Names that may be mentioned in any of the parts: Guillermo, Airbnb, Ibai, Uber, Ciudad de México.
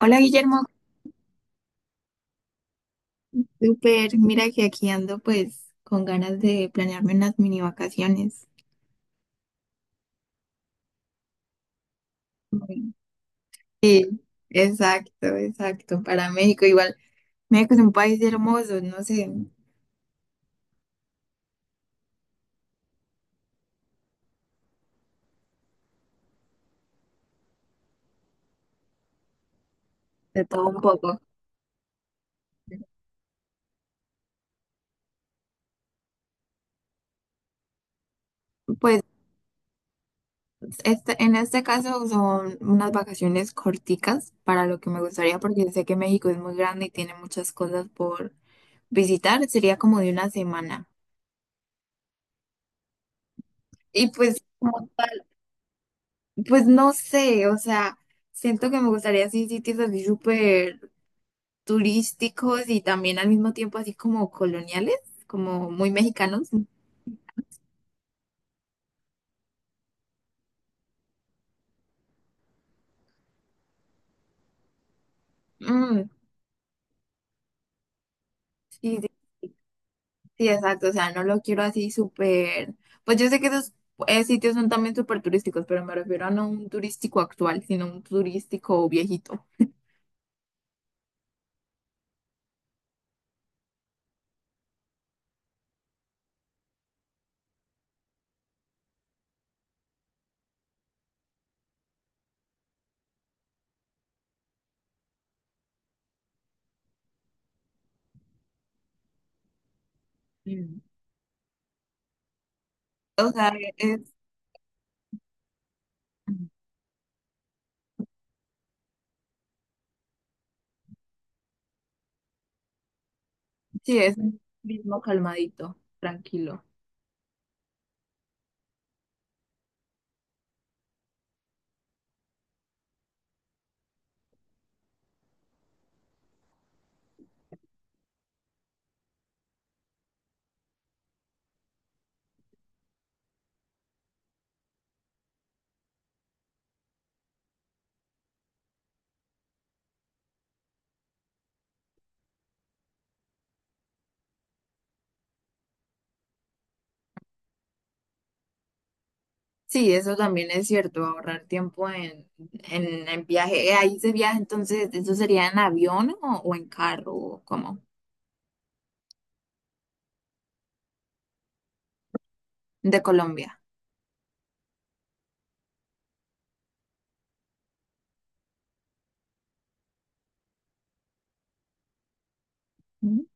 Hola Guillermo, súper, mira que aquí ando pues con ganas de planearme unas mini vacaciones. Uy. Sí, exacto, exacto, para México igual. México es un país hermoso, no sé, de todo un poco. Pues este, en este caso son unas vacaciones corticas para lo que me gustaría porque sé que México es muy grande y tiene muchas cosas por visitar, sería como de una semana. Y pues como tal, pues no sé, o sea... Siento que me gustaría así sitios así súper turísticos y también al mismo tiempo así como coloniales, como muy mexicanos. Mm, sí, sí, sí, exacto. O sea, no lo quiero así súper. Pues yo sé que esos sitios son también súper turísticos, pero me refiero a no un turístico actual, sino un turístico viejito. Mm. O sea, es, sí, es un turismo calmadito, tranquilo. Sí, eso también es cierto, ahorrar tiempo en, en viaje. Ahí se viaja, entonces, ¿eso sería en avión o en carro o cómo? De Colombia. Ujú.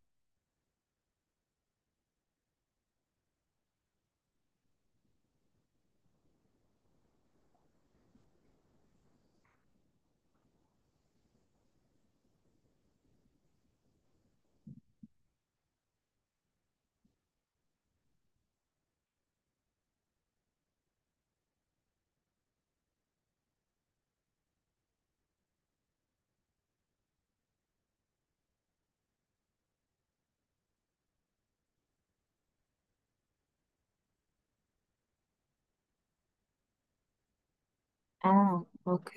Ah, ok.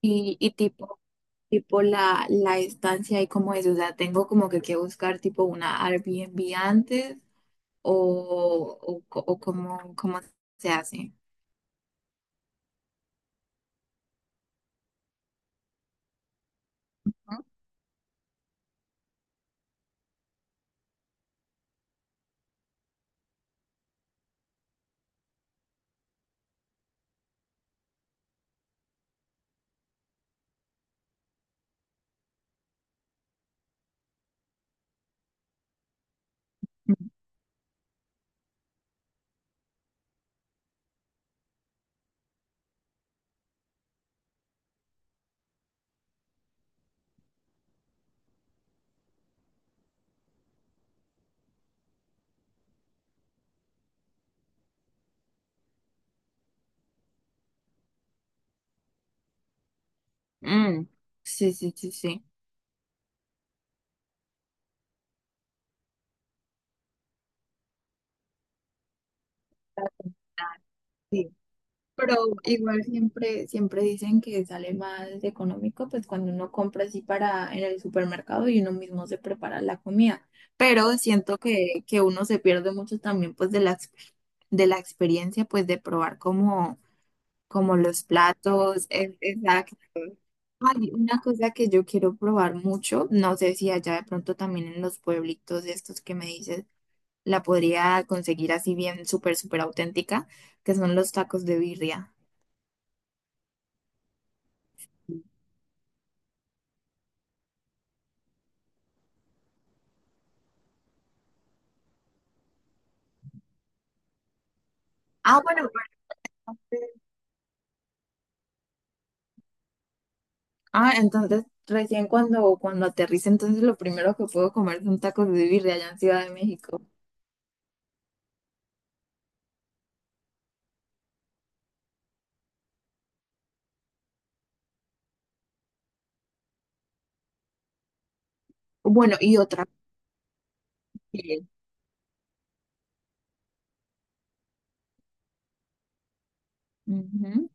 Y, y tipo, tipo la, la estancia y como es, o sea, tengo como que buscar tipo una Airbnb antes o, o cómo, cómo se hace. Ujú. Mm, sí, sí, sí, sí. Pero igual siempre, siempre dicen que sale más económico, pues cuando uno compra así para en el supermercado y uno mismo se prepara la comida. Pero siento que uno se pierde mucho también pues de la, de la experiencia, pues de probar como, como los platos. Exacto. Hay una cosa que yo quiero probar mucho, no sé si allá de pronto también en los pueblitos estos que me dices, la podría conseguir así bien súper, súper auténtica, que son los tacos de birria. Ah, bueno. Ah, entonces recién cuando, cuando aterrice, entonces lo primero que puedo comer son tacos de birria allá en Ciudad de México. Bueno, y otra. eh, Ujú.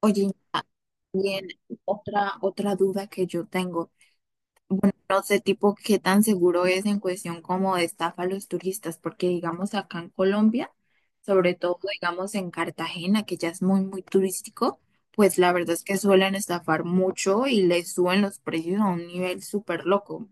Oye, bien, otra, otra duda que yo tengo. No sé, tipo, qué tan seguro es en cuestión como de estafa a los turistas, porque digamos acá en Colombia, sobre todo digamos en Cartagena, que ya es muy, muy turístico, pues la verdad es que suelen estafar mucho y les suben los precios a un nivel súper loco.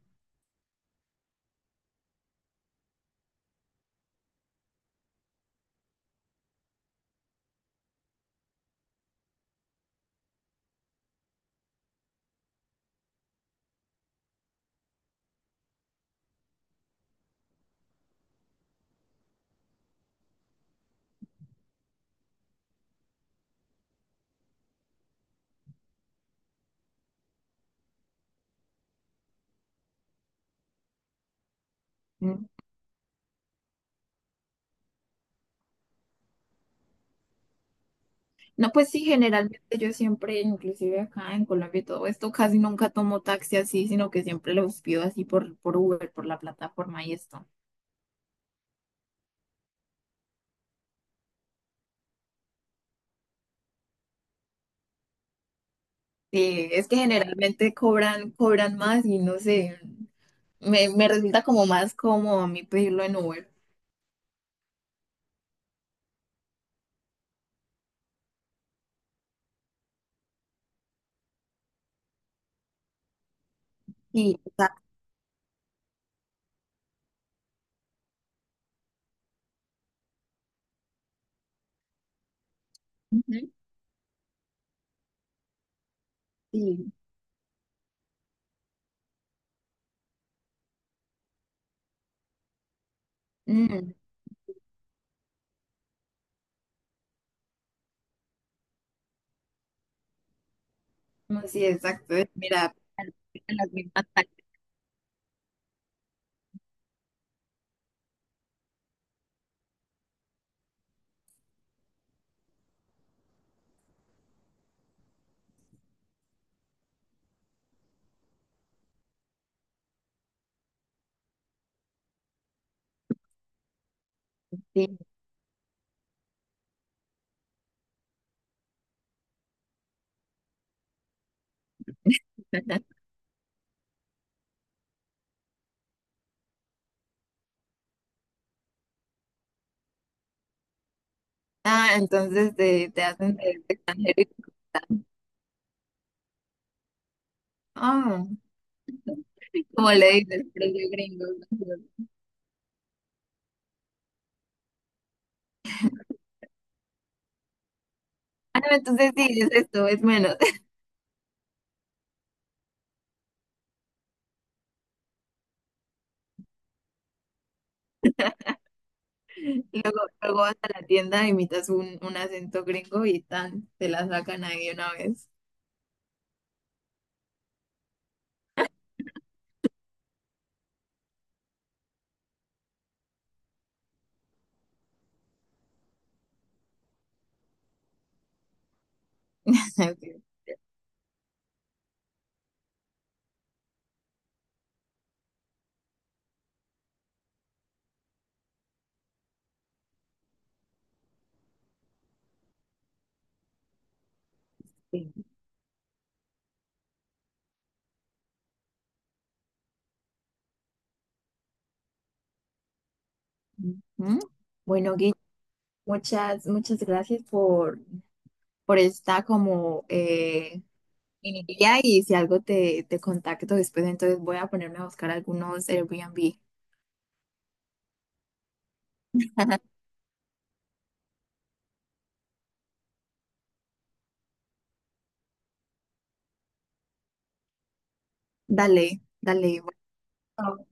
No, pues sí, generalmente yo siempre, inclusive acá en Colombia y todo esto, casi nunca tomo taxi así, sino que siempre los pido así por Uber, por la plataforma y esto. Sí, es que generalmente cobran, cobran más y no sé, me resulta como más cómodo a mí pedirlo en Uber. Sí, exacto. Ujú. Sí. Mm, no, sí, exacto. Mira, las mismas taxis. Sí. Ah, entonces te hacen de extranjero. Ah, como le dices, precio gringo. Ah, no, entonces sí, es esto, es menos. Luego, luego vas a la tienda, imitas un acento gringo y tan, te la sacan ahí de una vez. Ok, sí. Ujú. Bueno, Gui, muchas, muchas gracias por esta como mini guía, y si algo te, te contacto después, entonces voy a ponerme a buscar algunos Airbnb. Dale, dale. Bueno.